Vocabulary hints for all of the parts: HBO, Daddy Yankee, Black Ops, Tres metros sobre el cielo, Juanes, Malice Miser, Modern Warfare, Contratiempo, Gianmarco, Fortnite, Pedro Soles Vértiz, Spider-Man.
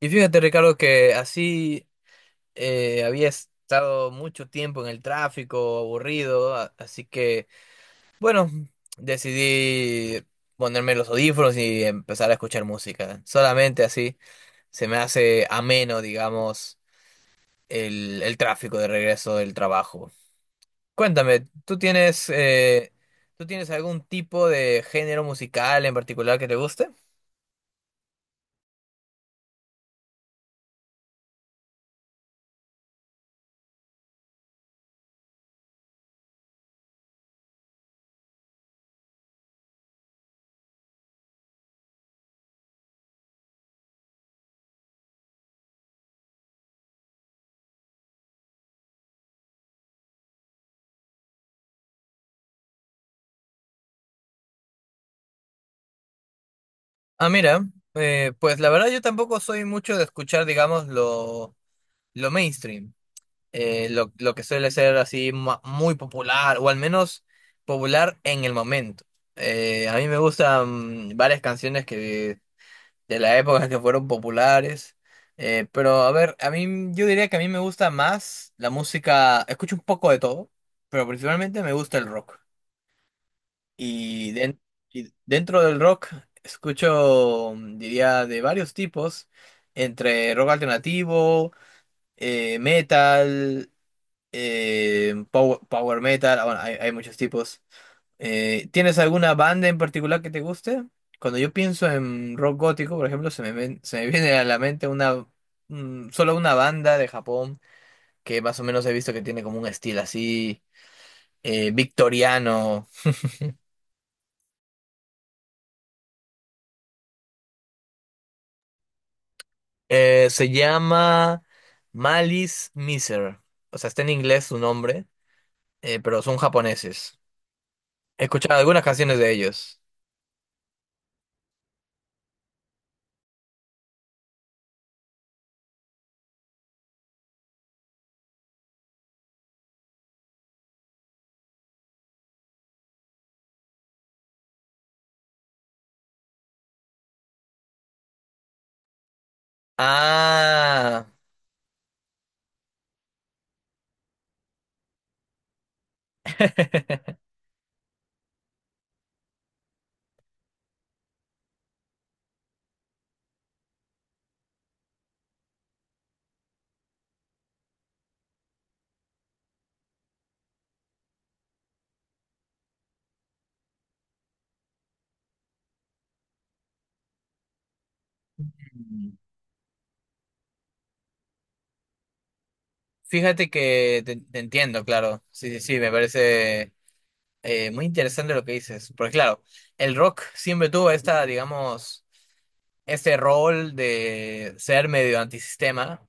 Y fíjate, Ricardo, que así había estado mucho tiempo en el tráfico, aburrido, así que, bueno, decidí ponerme los audífonos y empezar a escuchar música. Solamente así se me hace ameno, digamos, el tráfico de regreso del trabajo. Cuéntame, ¿tú tienes algún tipo de género musical en particular que te guste? Ah, mira, pues la verdad yo tampoco soy mucho de escuchar, digamos, lo mainstream, lo que suele ser así muy popular, o al menos popular en el momento. A mí me gustan varias canciones que de la época que fueron populares, pero a ver, a mí yo diría que a mí me gusta más la música, escucho un poco de todo, pero principalmente me gusta el rock. Y, den- y dentro del rock escucho, diría, de varios tipos, entre rock alternativo, metal power, metal, ah, bueno, hay muchos tipos. ¿Tienes alguna banda en particular que te guste? Cuando yo pienso en rock gótico, por ejemplo, se me viene a la mente una, solo una banda de Japón que más o menos he visto que tiene como un estilo así victoriano. Se llama Malice Miser. O sea, está en inglés su nombre, pero son japoneses. He escuchado algunas canciones de ellos. Ah. Fíjate que te entiendo, claro. Sí, sí, sí, me parece muy interesante lo que dices. Porque claro, el rock siempre tuvo esta, digamos, este rol de ser medio antisistema,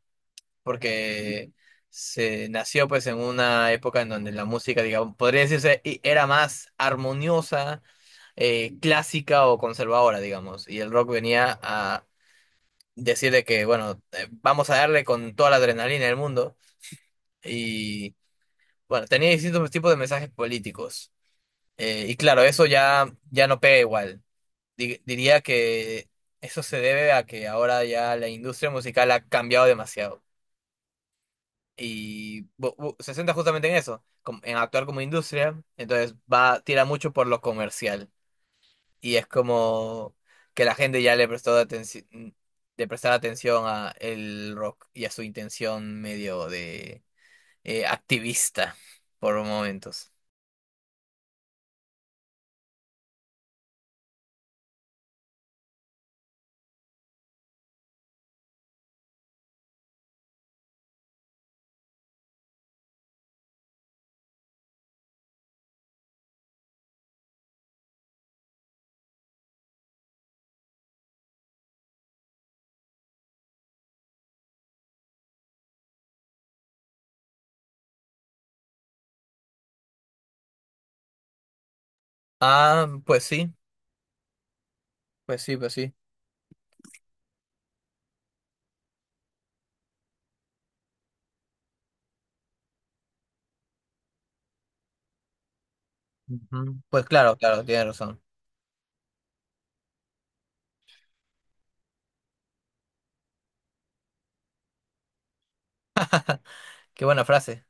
porque se nació pues en una época en donde la música, digamos, podría decirse, era más armoniosa, clásica o conservadora, digamos. Y el rock venía a decir de que, bueno, vamos a darle con toda la adrenalina del mundo. Bueno, tenía distintos tipos de mensajes políticos. Y claro, ya no pega igual. Diría que eso se debe a que ahora ya la industria musical ha cambiado demasiado. Y se centra justamente en eso, en actuar como industria. Entonces va, tira mucho por lo comercial. Y es como que la gente ya de prestar atención a el rock y a su intención medio de activista por momentos. Ah, pues sí. Pues sí, pues sí. Ujú. Pues claro, claro, tienes razón. Qué buena frase.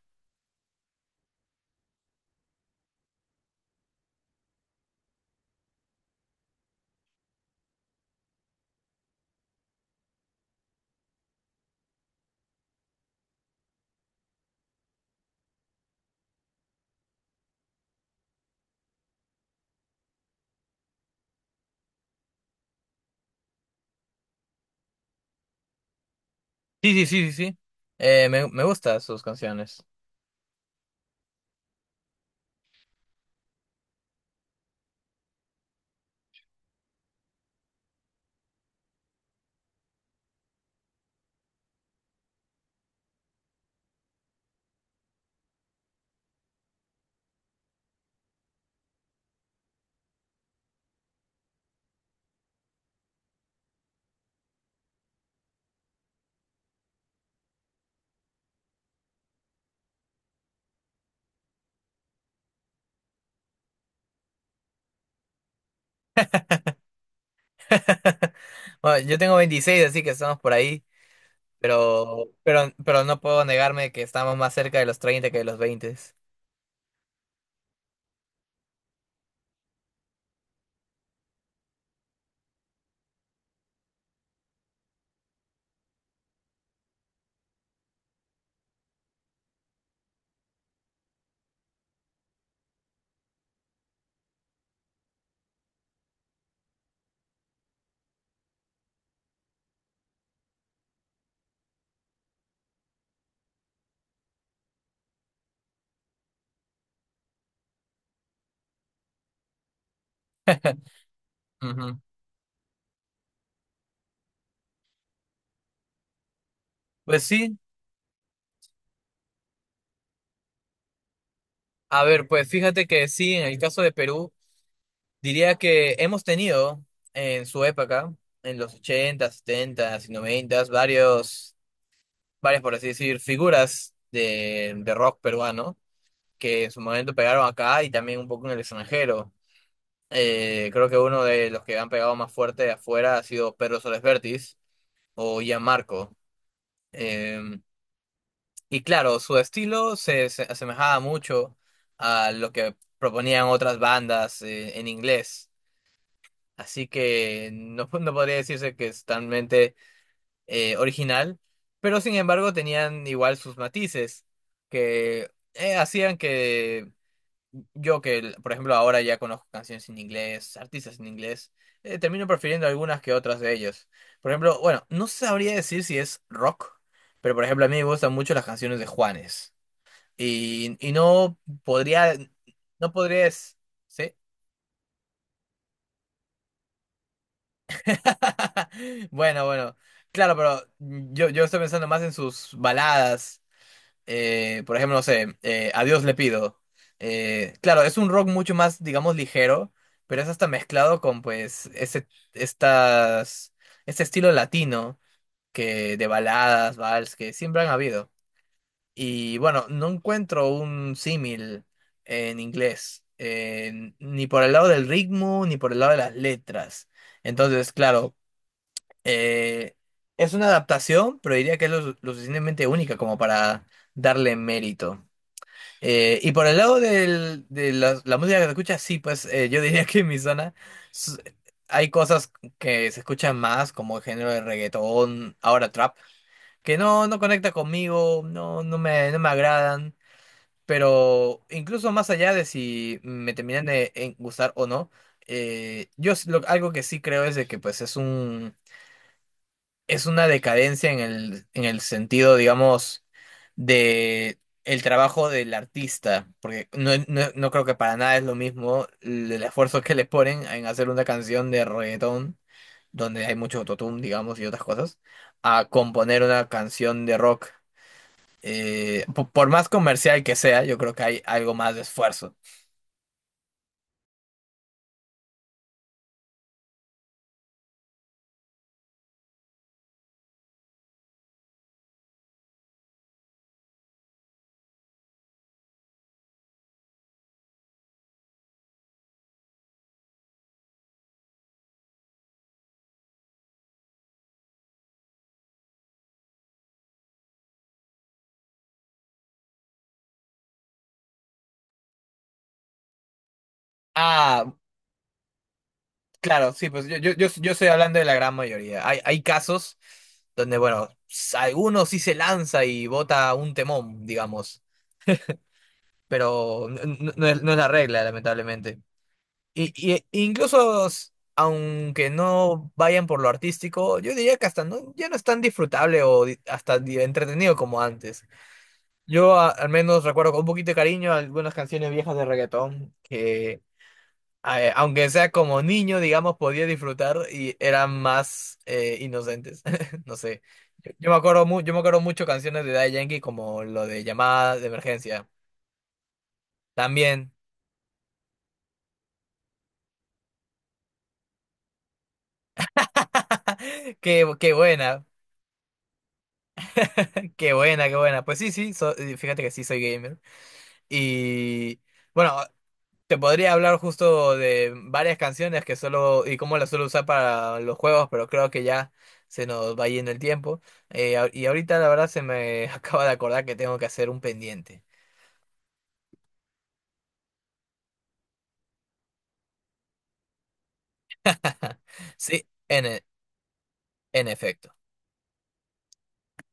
Sí, sí, sí, sí, sí. Me gustan sus canciones. Bueno, yo tengo 26 así que estamos por ahí, pero no puedo negarme que estamos más cerca de los 30 que de los 20. Ujú. Pues sí, a ver, pues fíjate que sí, en el caso de Perú, diría que hemos tenido en su época, en los 80, 70 y 90, varias, por así decir, figuras de rock peruano que en su momento pegaron acá y también un poco en el extranjero. Creo que uno de los que han pegado más fuerte de afuera ha sido Pedro Soles Vértiz o Gianmarco. Eh, y claro, se asemejaba mucho a lo que proponían otras bandas en inglés. Así que no, no podría decirse que es totalmente original, pero sin embargo tenían igual sus matices que hacían que yo que, por ejemplo, ahora ya conozco canciones en inglés, artistas en inglés, termino prefiriendo algunas que otras de ellos. Por ejemplo, bueno, no sabría decir si es rock, pero por ejemplo a mí me gustan mucho las canciones de Juanes. Y no podría, no podrías, ¿sí? Bueno, bueno, claro, pero yo estoy pensando más en sus baladas, por ejemplo, no sé, a Dios le pido. Claro, es un rock mucho más, digamos, ligero, pero es hasta mezclado con, pues, ese, estas, este estilo latino que de baladas, vals, que siempre han habido. Y bueno, no encuentro un símil en inglés, ni por el lado del ritmo, ni por el lado de las letras. Entonces, claro, eh, es una adaptación, pero diría que es lo suficientemente única como para darle mérito. Y por el lado de la música que se escucha, sí, pues yo diría que en mi zona s- hay cosas que se escuchan más, como el género de reggaetón, ahora trap, que no conecta conmigo, no me agradan, pero incluso más allá de si me gustar o no, algo que sí creo es de que pues es una decadencia en el sentido, digamos, de el trabajo del artista, porque no creo que para nada es lo mismo el esfuerzo que le ponen en hacer una canción de reggaetón, donde hay mucho autotune, digamos, y otras cosas, a componer una canción de rock. Por más comercial que sea, yo creo que hay algo más de esfuerzo. Ah, claro, sí, pues yo estoy hablando de la gran mayoría. Hay casos donde, bueno, alguno sí se lanza y bota un temón, digamos, pero no es, no es la regla, lamentablemente. E incluso, aunque no vayan por lo artístico, yo diría que hasta no, ya no es tan disfrutable o hasta entretenido como antes. Yo al menos recuerdo con un poquito de cariño algunas canciones viejas de reggaetón que aunque sea como niño, digamos, podía disfrutar y eran más inocentes. No sé. Yo me acuerdo mucho canciones de Daddy Yankee como lo de llamada de emergencia. También. Qué, qué buena, Qué buena. Pues sí, sí, fíjate que sí soy gamer. Y bueno, te podría hablar justo de varias canciones que solo y cómo las suelo usar para los juegos, pero creo que ya se nos va yendo el tiempo. Y ahorita la verdad se me acaba de acordar que tengo que hacer un pendiente. Sí, en efecto.